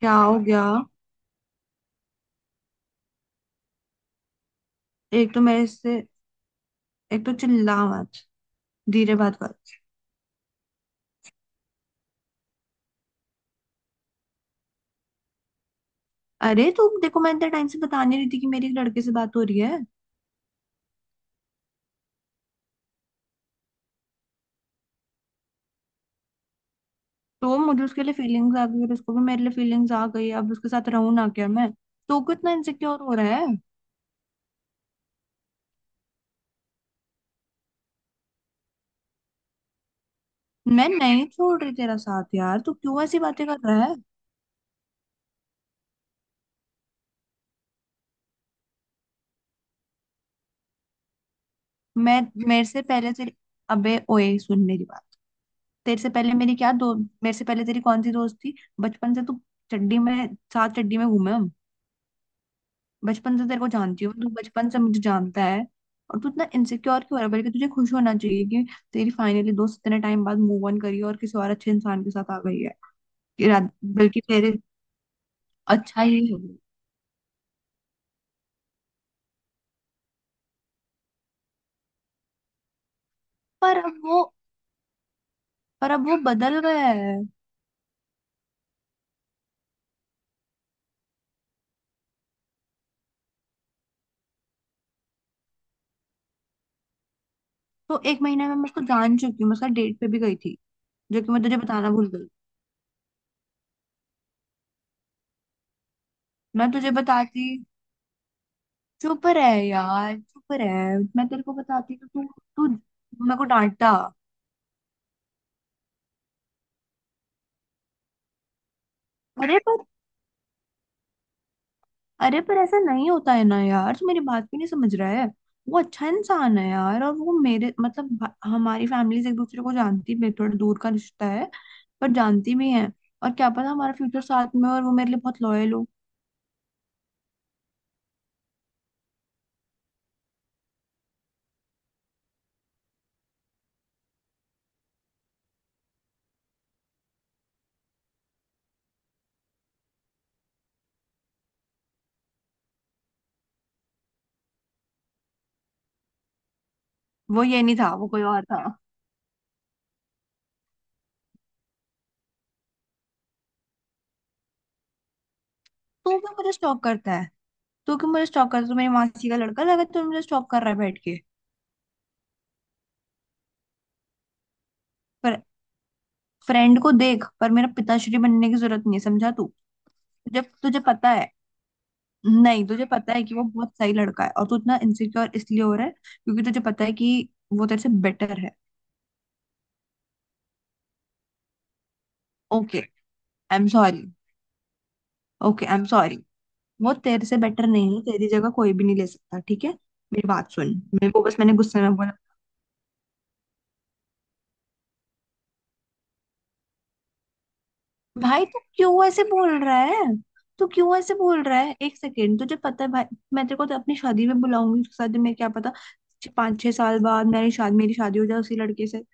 क्या हो गया? एक तो मेरे से एक तो चिल्ला मत, धीरे बात कर। अरे तुम देखो, मैं इतने टाइम से बता नहीं रही थी कि मेरी एक लड़के से बात हो रही है। तो मुझे उसके लिए फीलिंग्स आ गई और उसको भी मेरे लिए फीलिंग्स आ गई। अब उसके साथ रहूं ना, क्या मैं? तो कितना इनसिक्योर हो रहा है। मैं नहीं छोड़ रही तेरा साथ यार, तू क्यों ऐसी बातें कर रहा है? मैं मेरे से पहले तेरी अबे ओए, सुन मेरी बात। तेरे से पहले मेरी क्या दो मेरे से पहले तेरी कौन सी दोस्त थी? बचपन से तू चड्डी में साथ, चड्डी में घूमे हम। बचपन से तेरे को जानती हूँ, तू बचपन से मुझे जानता है। और तू इतना इनसिक्योर क्यों हो रहा है? बल्कि तुझे खुश होना चाहिए कि तेरी फाइनली दोस्त इतने टाइम बाद मूव ऑन करी है और किसी और अच्छे इंसान के साथ आ गई है। कि रा- बल्कि तेरे अच्छा ही हो। पर अब वो पर अब वो बदल गया है। तो एक महीने में मैं उसको जान चुकी हूँ, मैं उसका डेट पे भी गई थी, जो कि मैं तुझे बताना भूल गई। मैं तुझे बताती चुप रह यार, चुप रह। मैं तेरे को बताती तो तू तू मेरे को डांटता। अरे पर अरे पर ऐसा नहीं होता है ना यार, तू मेरी बात भी नहीं समझ रहा है। वो अच्छा इंसान है यार, और वो मेरे मतलब भा- हमारी फैमिली एक दूसरे को जानती भी है, थोड़ा दूर का रिश्ता है पर जानती भी है। और क्या पता हमारा फ्यूचर साथ में हो और वो मेरे लिए बहुत लॉयल हो। वो ये नहीं था, वो कोई और था। तू क्यों मुझे स्टॉक करता है तू क्यों मुझे स्टॉक करता है? तू मेरी मासी का लड़का लगा, तू मुझे स्टॉक कर रहा है बैठ के। पर फ्रेंड को देख, पर मेरा पिताश्री बनने की जरूरत नहीं है, समझा तू। जब तुझे तुझे पता है नहीं, तुझे पता है कि वो बहुत सही लड़का है, और तू इतना इनसिक्योर इसलिए हो रहा है क्योंकि तुझे पता है कि वो तेरे से बेटर है। Okay, I am sorry. Okay, I am sorry. वो तेरे से बेटर नहीं है, तेरी जगह कोई भी नहीं ले सकता, ठीक है। मेरी बात सुन, मेरे को, बस मैंने गुस्से में बोला। भाई, तू क्यों ऐसे बोल रहा है? तू क्यों ऐसे बोल रहा है? एक सेकेंड, तुझे पता है भाई। मैं तेरे को तो अपनी शादी में बुलाऊंगी उसके साथ में, क्या पता 5-6 साल बाद मेरी शादी हो जाए उसी लड़के से।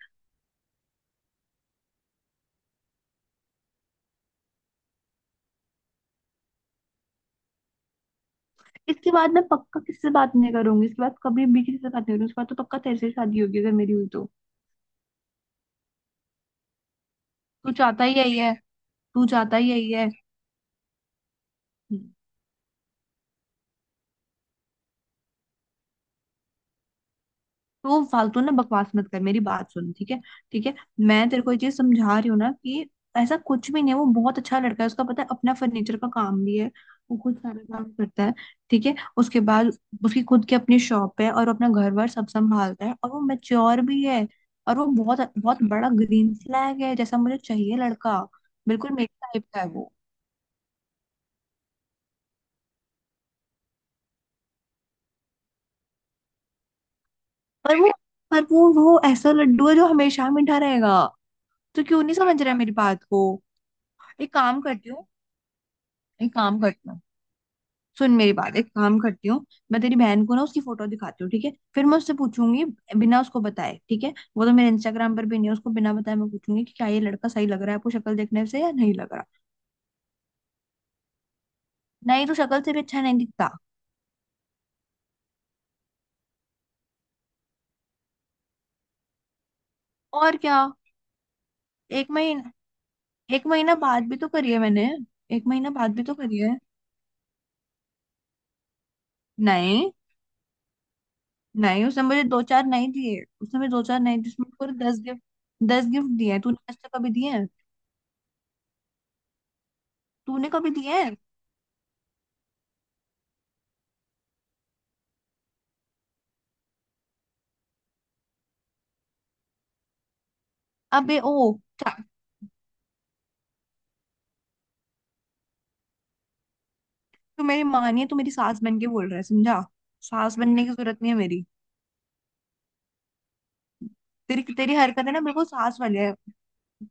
इसके बाद मैं पक्का किससे बात नहीं करूंगी, इसके बाद कभी भी किसी से बात नहीं करूंगी, इसके बाद तो पक्का तेरे से शादी होगी अगर मेरी हुई तो। तू चाहता ही यही है तू चाहता ही यही है। तो फालतू ना बकवास मत कर, मेरी बात सुन, ठीक है? ठीक है, मैं तेरे को ये चीज समझा रही हूँ ना, कि ऐसा कुछ भी नहीं है। वो बहुत अच्छा लड़का है, उसका पता है, अपना फर्नीचर का काम भी है, वो खुद सारा काम करता है। ठीक है, उसके बाद उसकी खुद की अपनी शॉप है, और अपना घर बार सब संभालता है, और वो मेच्योर भी है। और वो बहुत बहुत बड़ा ग्रीन फ्लैग है, जैसा मुझे चाहिए लड़का। बिल्कुल मेरे टाइप का है वो। पर वो पर वो ऐसा लड्डू है जो हमेशा मीठा रहेगा। तो क्यों नहीं समझ रहा है मेरी बात को? एक काम करती हूँ एक काम करती हूँ सुन मेरी बात, एक काम करती हूँ। मैं तेरी बहन को ना उसकी फोटो दिखाती हूँ, ठीक है, फिर मैं उससे पूछूंगी बिना उसको बताए। ठीक है, वो तो मेरे इंस्टाग्राम पर भी नहीं है, उसको बिना बताए मैं पूछूंगी कि क्या ये लड़का सही लग रहा है आपको शक्ल देखने से, या नहीं लग रहा? नहीं, तो शक्ल से भी अच्छा नहीं दिखता। और क्या? एक महीना एक महीना बाद भी तो करी है मैंने, एक महीना बाद भी तो करी है। नहीं, नहीं, उसने मुझे दो चार नहीं दिए, उसने पूरे 10 गिफ्ट, 10 गिफ्ट दिए हैं। तूने आज तक कभी दिए हैं? तूने कभी दिए हैं? अबे ओ, तू मेरी माँ नहीं है, तू मेरी सास बन के बोल रहा है, समझा। सास बनने की जरूरत नहीं है मेरी। तेरी तेरी हरकत है ना, बिल्कुल सास वाली है।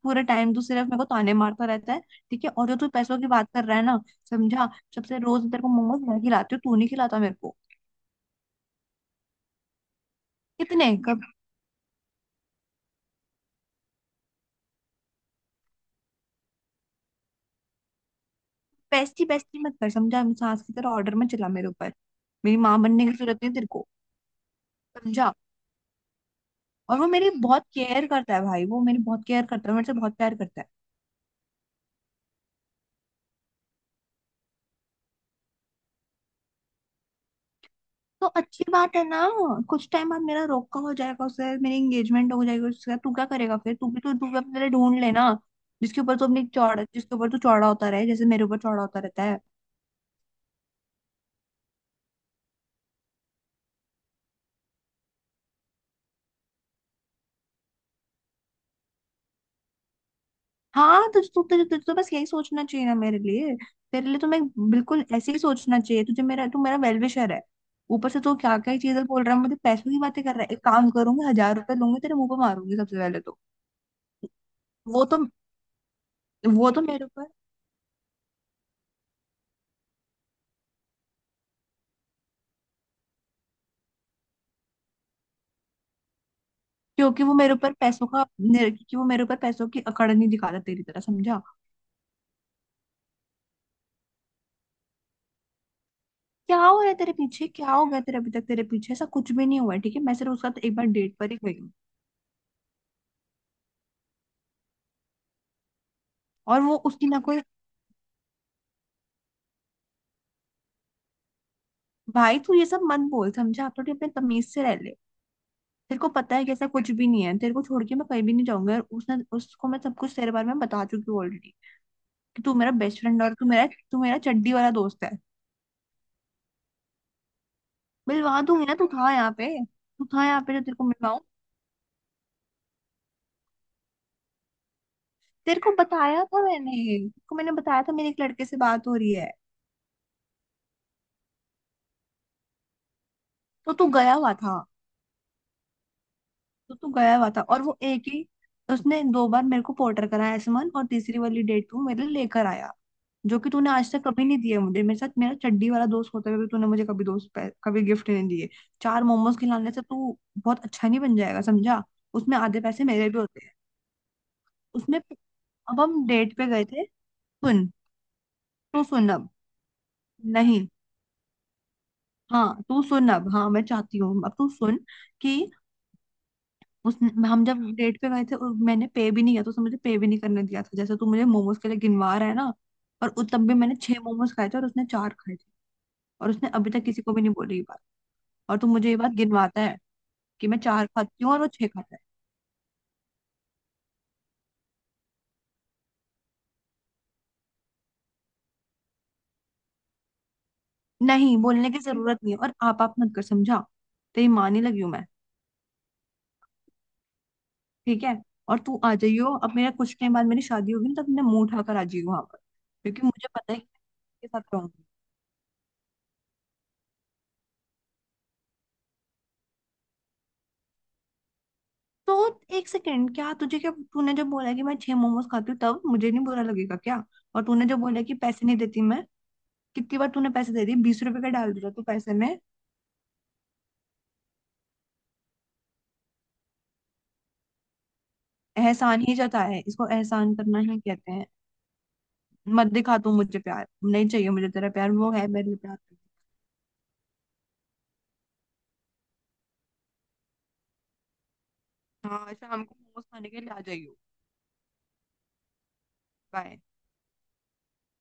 पूरे टाइम तू सिर्फ मेरे को ताने मारता रहता है, ठीक है? और जो तू पैसों की बात कर रहा है ना, समझा, सबसे रोज तेरे को मोमोज मैं खिलाती हूँ, तू नहीं खिलाता मेरे को। कितने? कब? बेस्टी बेस्टी मत कर, समझा, सास की तरह ऑर्डर मत चला मेरे ऊपर। मेरी माँ बनने की जरूरत नहीं तेरे को, समझा? और वो मेरी बहुत केयर करता है भाई, वो मेरी बहुत केयर करता है मेरे से बहुत प्यार करता है। तो अच्छी बात है ना, कुछ टाइम बाद मेरा रोका हो जाएगा उससे, मेरी एंगेजमेंट हो जाएगी उससे। तू क्या करेगा फिर? तू भी अपने लिए ढूंढ लेना, जिसके ऊपर तू चौड़ा होता रहे, जैसे मेरे ऊपर चौड़ा होता रहता है। हाँ, तुझे तू तुझे तुझे तो बस यही सोचना चाहिए ना मेरे लिए। तेरे लिए तो मैं बिल्कुल ऐसे ही सोचना चाहिए तुझे मेरा। तू मेरा वेल विशर है। ऊपर से तू क्या क्या चीजें बोल रहा है, मुझे पैसों की बातें कर रहा है, एक काम करूंगी, 1,000 रुपए लूंगी, तेरे मुंह पे मारूंगी सबसे पहले तो। वो तो वो तो मेरे ऊपर क्योंकि वो मेरे ऊपर पैसों का निर- क्योंकि वो मेरे ऊपर पैसों की अकड़ नहीं दिखाता तेरी तरह, समझा। क्या हो रहा है तेरे पीछे? क्या हो गया तेरे अभी तक तेरे पीछे ऐसा कुछ भी नहीं हुआ है, ठीक है, मैं सिर्फ उसका एक बार डेट पर ही गई हूँ। और वो उसकी ना कोई भाई, तू ये सब मन बोल, समझा, थोड़ी अपने तमीज से रह ले। तेरे को पता है कि ऐसा कुछ भी नहीं है, तेरे को छोड़ के मैं कहीं भी नहीं जाऊंगा। और उसने उसको मैं सब कुछ तेरे बारे में बता चुकी हूँ ऑलरेडी, कि तू मेरा बेस्ट फ्रेंड, और तू मेरा चड्डी वाला दोस्त है। मिलवा दूंगी ना, तू था यहाँ पे? तू था यहाँ पे जो तेरे को मिलवाऊं? तेरे को मैंने बताया था, मेरे एक लड़के से बात हो रही है। तो तू गया हुआ था। तो तू गया हुआ था और वो एक ही उसने दो बार मेरे को पोर्टर कराया एसमन, और तीसरी वाली डेट तू मेरे लिए लेकर आया, जो कि तूने आज तक कभी नहीं दिया मुझे। मेरे साथ मेरा चड्डी वाला दोस्त होते हुए भी तूने मुझे कभी दोस्त पे- कभी गिफ्ट नहीं दिए। चार मोमोज खिलाने से तू बहुत अच्छा नहीं बन जाएगा, समझा। उसमें आधे पैसे मेरे भी होते हैं। उसमें अब हम डेट पे गए थे। सुन तू सुन अब, नहीं, हाँ, तू सुन अब, हाँ मैं चाहती हूँ, अब तू सुन, कि उस हम जब डेट पे गए थे और मैंने पे भी नहीं किया था, उसने मुझे पे भी नहीं करने दिया था, जैसे तू मुझे मोमोज के लिए गिनवा रहा है ना। और उस तब भी मैंने छह मोमोज खाए थे और उसने चार खाए थे। और उसने अभी तक किसी को भी नहीं बोली ये बात, और तू मुझे ये बात गिनवाता है कि मैं चार खाती हूँ और वो छह खाता है। नहीं बोलने की जरूरत नहीं है, और आप मत कर, समझा, तेरी माँ नहीं लगी हूं मैं। ठीक है, और तू आ जाइयो, अब मेरा कुछ टाइम बाद मेरी शादी होगी ना, तब मैं मुंह उठाकर आ जाइयो वहां पर? क्योंकि मुझे पता है कि मैं किसके साथ रहूंगी। तो एक सेकेंड, क्या तूने जब बोला कि मैं छह मोमोज खाती हूँ तब मुझे नहीं बुरा लगेगा क्या? और तूने जब बोला कि पैसे नहीं देती मैं, कितनी बार तूने पैसे दे दिए? 20 रुपए का डाल दिया तू पैसे में। एहसान ही जताया है, इसको एहसान करना ही कहते हैं। मत दिखा तू मुझे प्यार, नहीं चाहिए मुझे तेरा प्यार। वो है मेरे लिए प्यार। हाँ, शाम को मोमोज खाने के लिए आ जाइयो। बाय।